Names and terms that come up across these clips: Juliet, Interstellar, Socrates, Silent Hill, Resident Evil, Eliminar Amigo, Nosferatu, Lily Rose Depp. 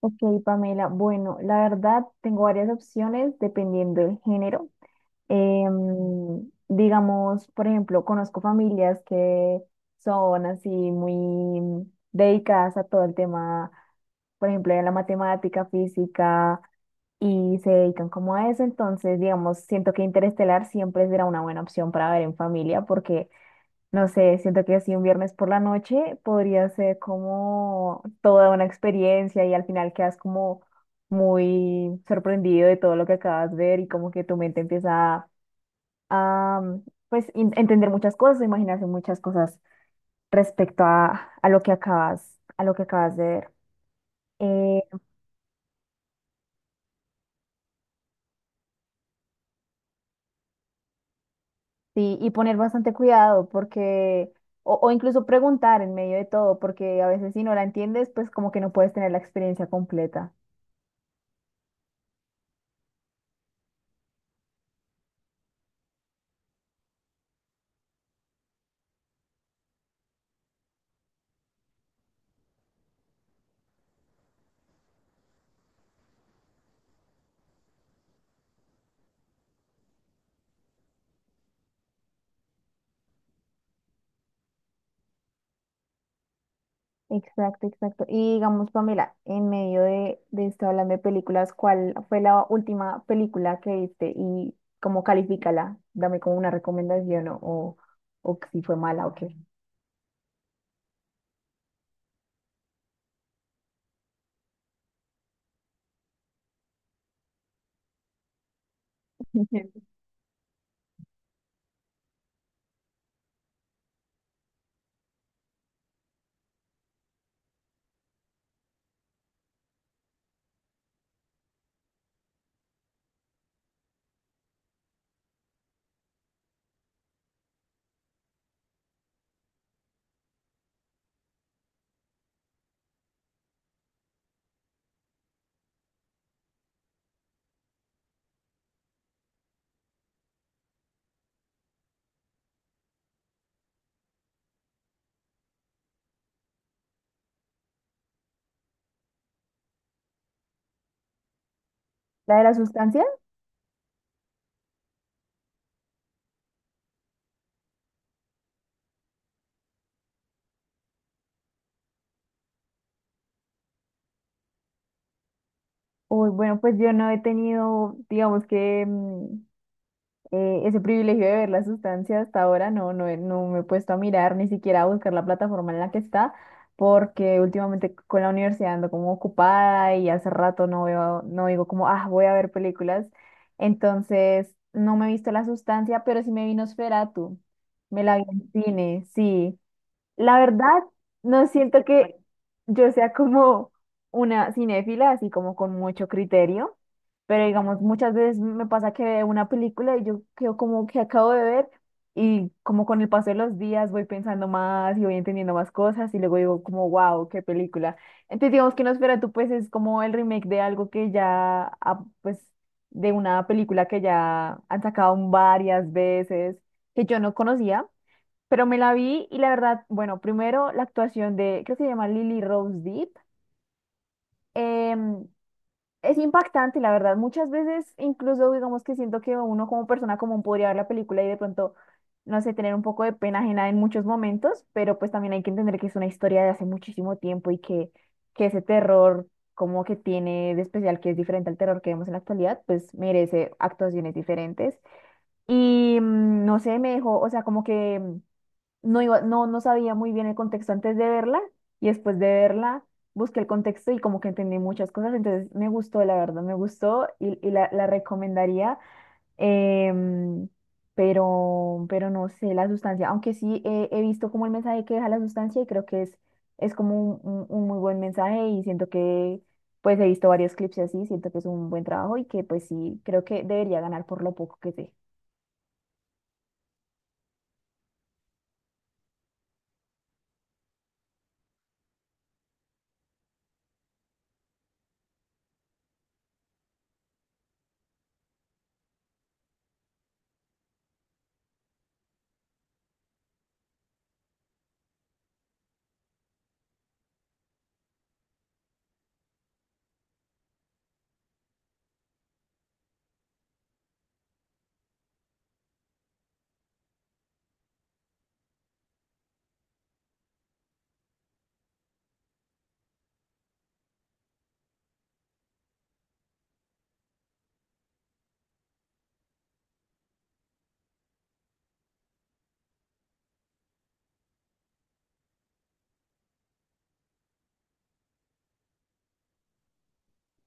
Ok, Pamela. Bueno, la verdad tengo varias opciones dependiendo del género. Digamos, por ejemplo, conozco familias que son así muy dedicadas a todo el tema, por ejemplo, de la matemática, física, y se dedican como a eso. Entonces, digamos, siento que Interestelar siempre será una buena opción para ver en familia porque no sé, siento que así un viernes por la noche podría ser como toda una experiencia y al final quedas como muy sorprendido de todo lo que acabas de ver y como que tu mente empieza a, mm, pues entender muchas cosas, imaginarse muchas cosas respecto a lo que a lo que acabas de ver. Eh, sí, y poner bastante cuidado porque, o incluso preguntar en medio de todo, porque a veces si no la entiendes, pues como que no puedes tener la experiencia completa. Exacto, exacto. Y digamos, Pamela, en medio de esto hablando de películas, ¿cuál fue la última película que viste y cómo califícala? Dame como una recomendación o si fue mala o qué. ¿La de la sustancia? Uy, bueno, pues yo no he tenido, digamos que ese privilegio de ver la sustancia hasta ahora no, no me he puesto a mirar ni siquiera a buscar la plataforma en la que está, porque últimamente con la universidad ando como ocupada y hace rato no veo, no digo como, ah, voy a ver películas. Entonces, no me he visto la sustancia, pero sí me vi Nosferatu. Me la vi en cine, sí. La verdad, no siento que yo sea como una cinéfila, así como con mucho criterio, pero digamos, muchas veces me pasa que veo una película y yo quedo como que acabo de ver y como con el paso de los días voy pensando más y voy entendiendo más cosas y luego digo como, wow, qué película. Entonces digamos que Nosferatu pues es como el remake de algo que ya, pues, de una película que ya han sacado varias veces, que yo no conocía pero me la vi y la verdad, bueno, primero la actuación de, creo que se llama Lily Rose Depp, em, es impactante, la verdad. Muchas veces, incluso digamos que siento que uno como persona común podría ver la película y de pronto, no sé, tener un poco de pena ajena en muchos momentos, pero pues también hay que entender que es una historia de hace muchísimo tiempo que ese terror como que tiene de especial, que es diferente al terror que vemos en la actualidad, pues merece actuaciones diferentes. Y no sé, me dejó, o sea, como que no no sabía muy bien el contexto antes de verla y después de verla busqué el contexto y como que entendí muchas cosas, entonces me gustó, la verdad, me gustó y la recomendaría, em, pero no sé, la sustancia, aunque sí he visto como el mensaje que deja la sustancia y creo que es como un muy buen mensaje y siento que pues he visto varios clips así, siento que es un buen trabajo y que pues sí, creo que debería ganar por lo poco que sé.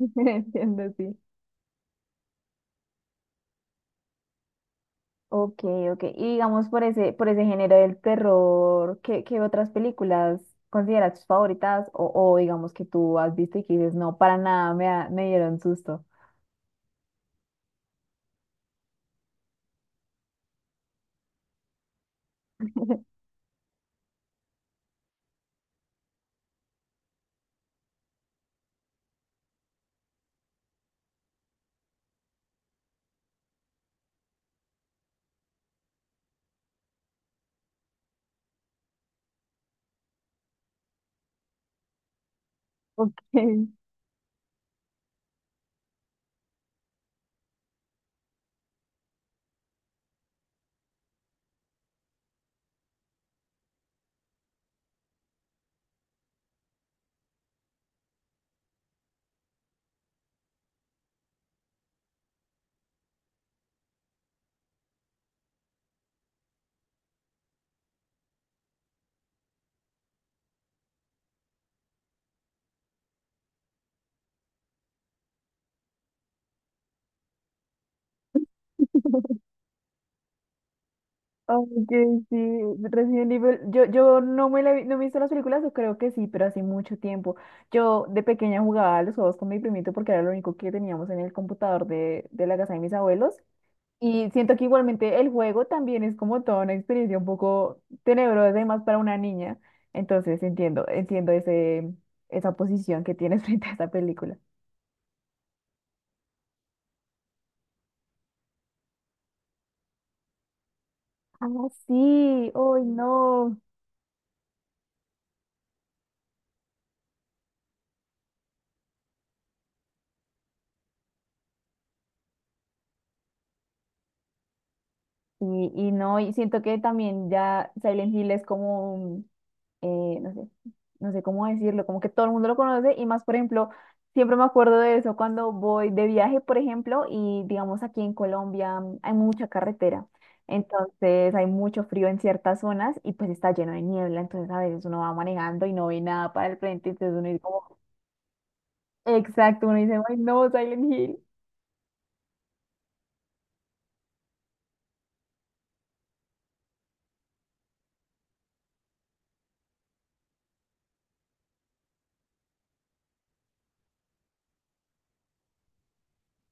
Entiendo, sí. Ok, ok. Y digamos por ese género del terror, ¿qué, qué otras películas consideras tus favoritas? O digamos que tú has visto y que dices, no, para nada, me, me dieron susto. Ok, ok, sí, Resident Evil, yo no me la no me he visto las películas, o creo que sí, pero hace mucho tiempo. Yo de pequeña jugaba a los juegos con mi primito porque era lo único que teníamos en el computador de la casa de mis abuelos. Y siento que igualmente el juego también es como toda una experiencia un poco tenebrosa, además para una niña. Entonces entiendo, entiendo ese, esa posición que tienes frente a esa película. Ah, sí, hoy no. Y siento que también ya Silent Hill es como, no sé, no sé cómo decirlo, como que todo el mundo lo conoce y más, por ejemplo, siempre me acuerdo de eso cuando voy de viaje, por ejemplo, y digamos aquí en Colombia hay mucha carretera, entonces hay mucho frío en ciertas zonas y pues está lleno de niebla, entonces a veces uno va manejando y no ve nada para el frente, entonces uno dice como, exacto, uno dice, ay no, Silent Hill,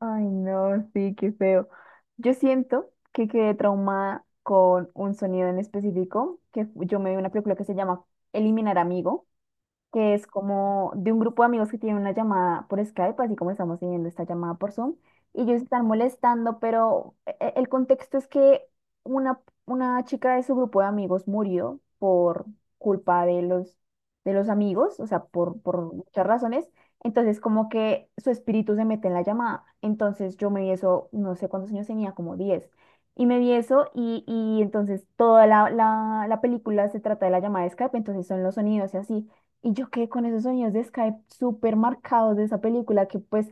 ay no, sí, qué feo. Yo siento que quedé traumada con un sonido en específico, que yo me vi una película que se llama Eliminar Amigo, que es como de un grupo de amigos que tienen una llamada por Skype, así como estamos teniendo esta llamada por Zoom, y ellos están molestando, pero el contexto es que una, una chica de su grupo de amigos murió por culpa de los amigos, o sea, por muchas razones. Entonces, como que su espíritu se mete en la llamada. Entonces, yo me vi eso, no sé cuántos años tenía, como 10. Y me vi eso y entonces toda la película se trata de la llamada de Skype, entonces son los sonidos y así. Y yo quedé con esos sonidos de Skype súper marcados de esa película que pues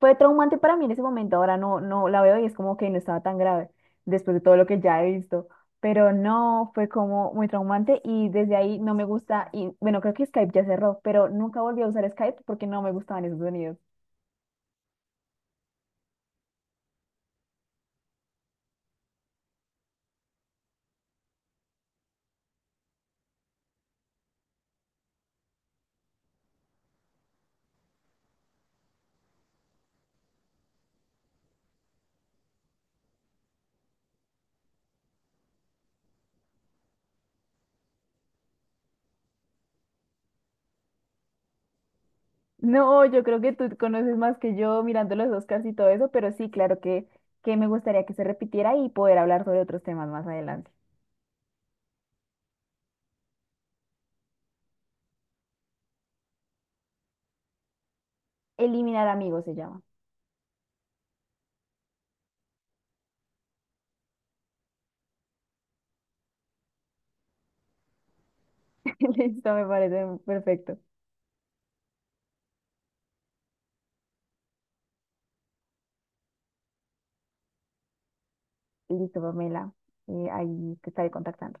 fue traumante para mí en ese momento. Ahora no, no la veo y es como que no estaba tan grave después de todo lo que ya he visto. Pero no, fue como muy traumante y desde ahí no me gusta. Y bueno, creo que Skype ya cerró, pero nunca volví a usar Skype porque no me gustaban esos sonidos. No, yo creo que tú conoces más que yo mirando los Oscars y todo eso, pero sí, claro que me gustaría que se repitiera y poder hablar sobre otros temas más adelante. Eliminar amigos se llama. Listo, me parece perfecto. Listo, Pamela. Ahí te estaré contactando.